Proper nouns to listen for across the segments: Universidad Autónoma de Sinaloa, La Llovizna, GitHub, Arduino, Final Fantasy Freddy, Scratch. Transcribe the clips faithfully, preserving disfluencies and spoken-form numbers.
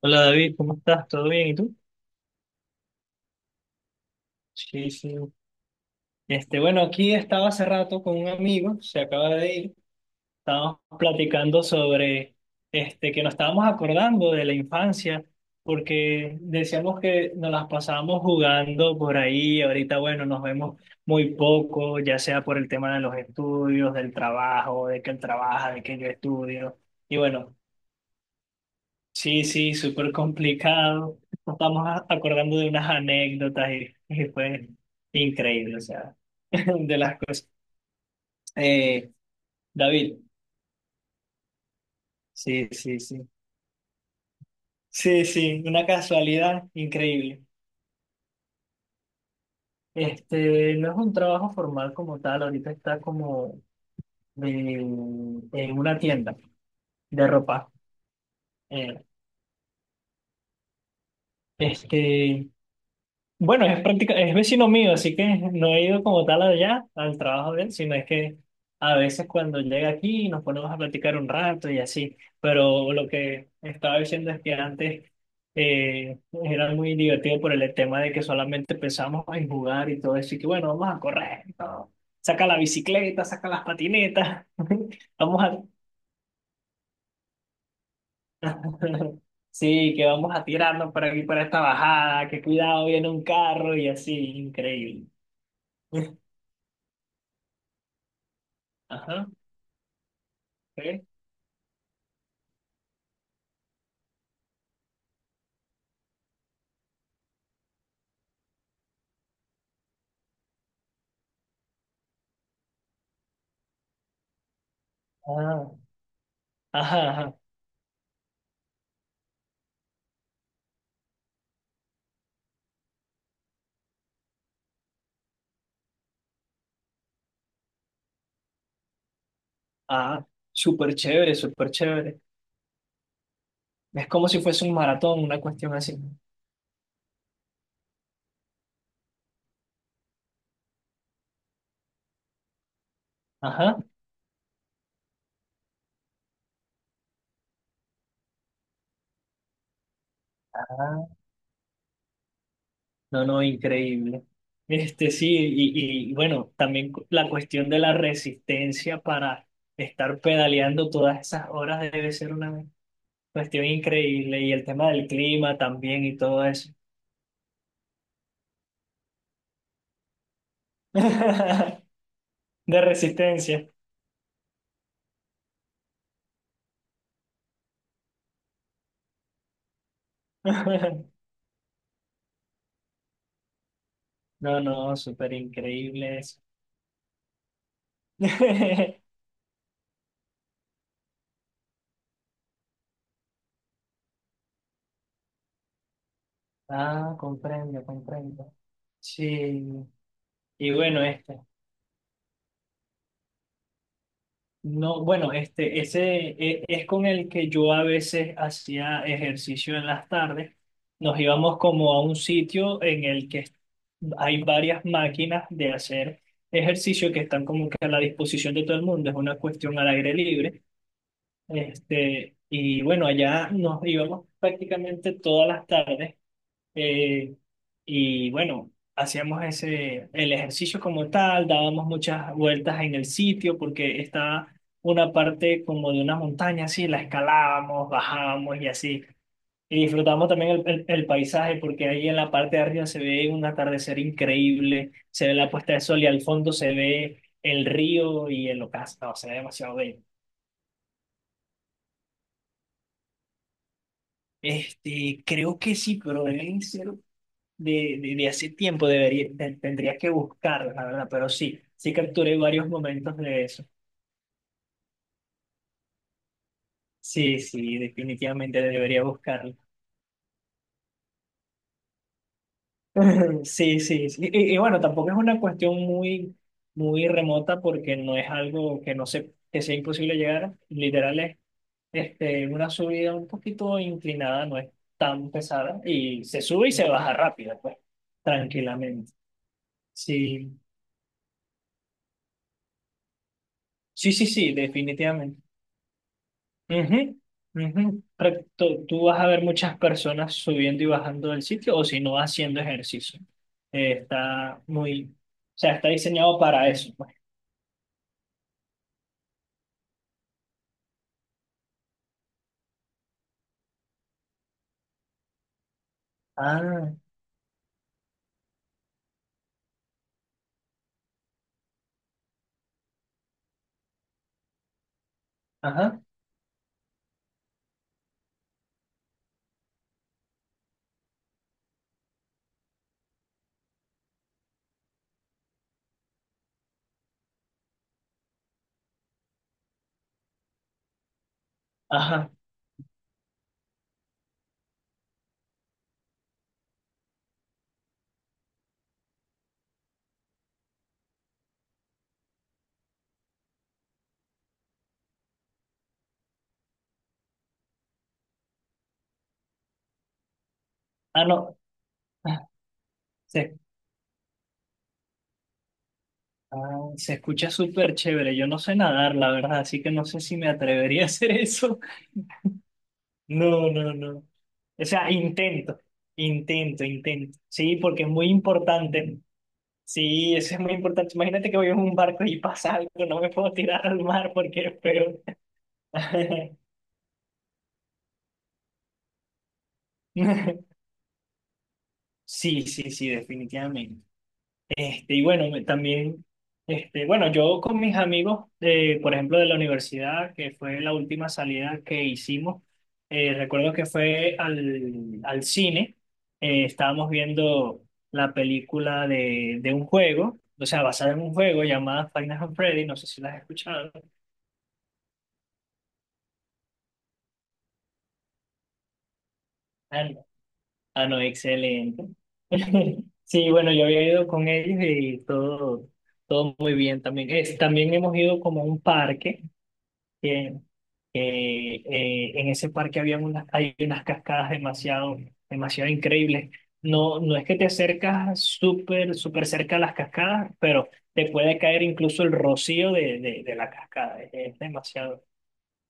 Hola David, ¿cómo estás? ¿Todo bien? ¿Y tú? Sí, sí. Este, bueno, aquí estaba hace rato con un amigo, se acaba de ir. Estábamos platicando sobre este, que nos estábamos acordando de la infancia, porque decíamos que nos las pasábamos jugando por ahí. Ahorita, bueno, nos vemos muy poco, ya sea por el tema de los estudios, del trabajo, de que él trabaja, de que yo estudio. Y bueno, sí, sí, súper complicado. Nos estamos a- acordando de unas anécdotas y, y fue increíble, o sea, de las cosas. Eh, David, sí, sí, sí. Sí, sí, una casualidad increíble. Este, no es un trabajo formal como tal, ahorita está como de- en una tienda de ropa. Eh, este, Bueno, es práctica, es vecino mío, así que no he ido como tal allá al trabajo de él, sino es que a veces cuando llega aquí nos ponemos a platicar un rato y así. Pero lo que estaba diciendo es que antes eh, era muy divertido por el tema de que solamente pensamos en jugar y todo eso. Y que bueno, vamos a correr, ¿no? Saca la bicicleta, saca las patinetas, vamos a sí, que vamos a tirarnos para aquí para esta bajada, que cuidado, viene un carro y así, increíble. Ajá, ¿qué? Ah, ajá, ajá. Ah, súper chévere, súper chévere. Es como si fuese un maratón, una cuestión así. Ajá. Ah, no, no, increíble. Este sí, y, y bueno, también cu- la cuestión de la resistencia para estar pedaleando todas esas horas debe ser una cuestión increíble. Y el tema del clima también y todo eso. De resistencia. No, no, súper increíble eso. Ah, comprendo, comprendo. Sí, y bueno, este, no, bueno, este, ese e- es, con el que yo a veces hacía ejercicio en las tardes. Nos íbamos como a un sitio en el que hay varias máquinas de hacer ejercicio que están como que a la disposición de todo el mundo. Es una cuestión al aire libre. Este, y bueno, allá nos íbamos prácticamente todas las tardes. Eh, y bueno, hacíamos ese, el ejercicio como tal, dábamos muchas vueltas en el sitio porque estaba una parte como de una montaña, así la escalábamos, bajábamos y así. Y disfrutábamos también el, el- el paisaje porque ahí en la parte de arriba se ve un atardecer increíble, se ve la puesta de sol y al fondo se ve el río y el ocaso, no, se ve demasiado bello. Este, creo que sí, pero deben ser de, de, de hace tiempo debería, te- tendría que buscarla, la verdad, pero sí, sí capturé varios momentos de eso. Sí, sí, definitivamente debería buscarla. Sí, sí, sí. Y, y bueno, tampoco es una cuestión muy, muy remota porque no es algo que no se, que sea imposible llegar. Literal es este, una subida un poquito inclinada, no es tan pesada y se sube y se baja rápido, pues, tranquilamente. Sí, sí, sí, sí, definitivamente. Ujú, ujú. Pero tú tú vas a ver muchas personas subiendo y bajando del sitio o si no haciendo ejercicio. Eh, está muy, o sea, está diseñado para eso, pues. Ah, ajá, ajá. Ah, no. Ah, se, ah, se escucha súper chévere. Yo no sé nadar, la verdad, así que no sé si me atrevería a hacer eso. No, no, no. O sea, intento, intento, intento. Sí, porque es muy importante. Sí, eso es muy importante. Imagínate que voy en un barco y pasa algo, no me puedo tirar al mar porque es peor. Sí, sí, sí, definitivamente. Este, y bueno, me- también, este, bueno, yo con mis amigos, eh, por ejemplo, de la universidad, que fue la última salida que hicimos, eh, recuerdo que fue al, al cine, eh, estábamos viendo la película de, de un juego, o sea, basada en un juego llamada Final Fantasy Freddy, no sé si la has escuchado. Ah, no, excelente. Sí, bueno, yo había ido con ellos y todo, todo muy bien también. Es, también hemos ido como a un parque, que, que, eh, en ese parque había unas, hay unas cascadas demasiado, demasiado increíbles. No, no es que te acercas súper, súper cerca a las cascadas, pero te puede caer incluso el rocío de, de, de la cascada. Es, es demasiado,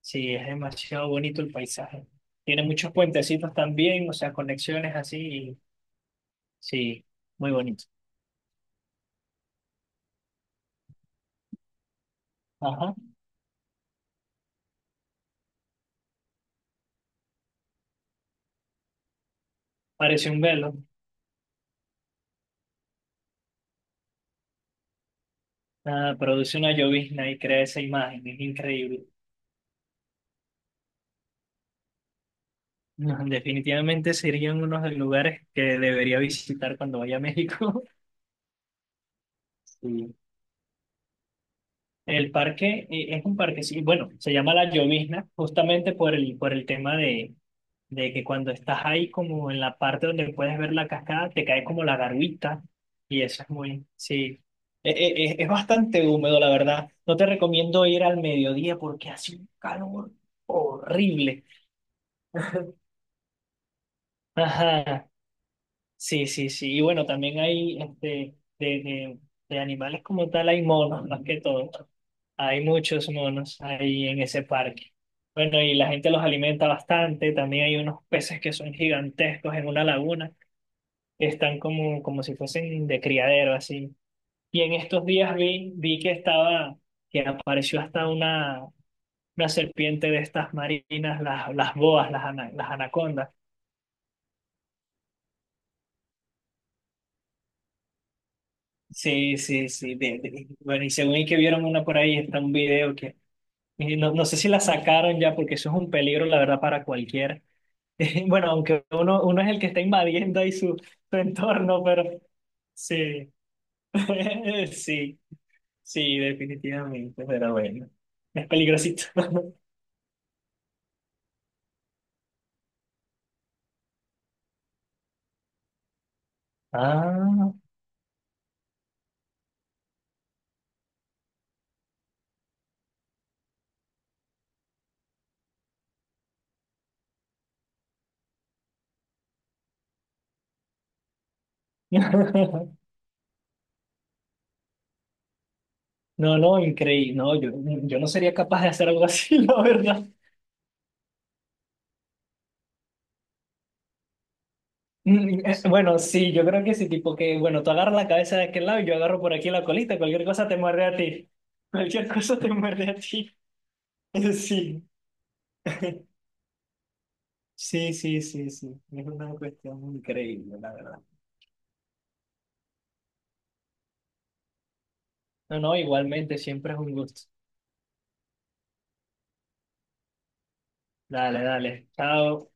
sí, es demasiado bonito el paisaje. Tiene muchos puentecitos también, o sea, conexiones así. Sí, muy bonito. Ajá. Parece un velo. Ah, produce una llovizna y crea esa imagen. Es increíble. No, definitivamente serían unos de los lugares que debería visitar cuando vaya a México. Sí. El parque, eh, es un parque, sí, bueno, se llama La Llovizna justamente por el, por el tema de, de que cuando estás ahí como en la parte donde puedes ver la cascada, te cae como la garguita y eso es muy, sí, E- e- e- es bastante húmedo, la verdad. No te recomiendo ir al mediodía porque hace un calor horrible. Ajá, sí, sí, sí. Y bueno, también hay este, de, de, de animales como tal, hay monos más que todo. Hay muchos monos ahí en ese parque. Bueno, y la gente los alimenta bastante. También hay unos peces que son gigantescos en una laguna, que están como, como si fuesen de criadero, así. Y en estos días vi, vi que estaba, que apareció hasta una, una serpiente de estas marinas, las, las boas, las, ana- las anacondas. Sí, sí, sí. De- de- bueno, y según y que vieron una por ahí, está un video que y no, no sé si la sacaron ya, porque eso es un peligro, la verdad, para cualquiera. Bueno, aunque uno, uno es el que está invadiendo ahí su, su entorno, pero sí, sí, sí, definitivamente, pero bueno, es peligrosito. Ah, no, no, increíble, no, yo, yo no sería capaz de hacer algo así, la verdad. Mm, eh, bueno, sí, yo creo que sí, tipo que, bueno, tú agarras la cabeza de aquel lado y yo agarro por aquí la colita, cualquier cosa te muerde a ti, cualquier cosa te muerde a ti, sí. Sí, sí, sí, sí. Es una cuestión increíble, la verdad. No, no, igualmente, siempre es un gusto. Dale, dale. Chao.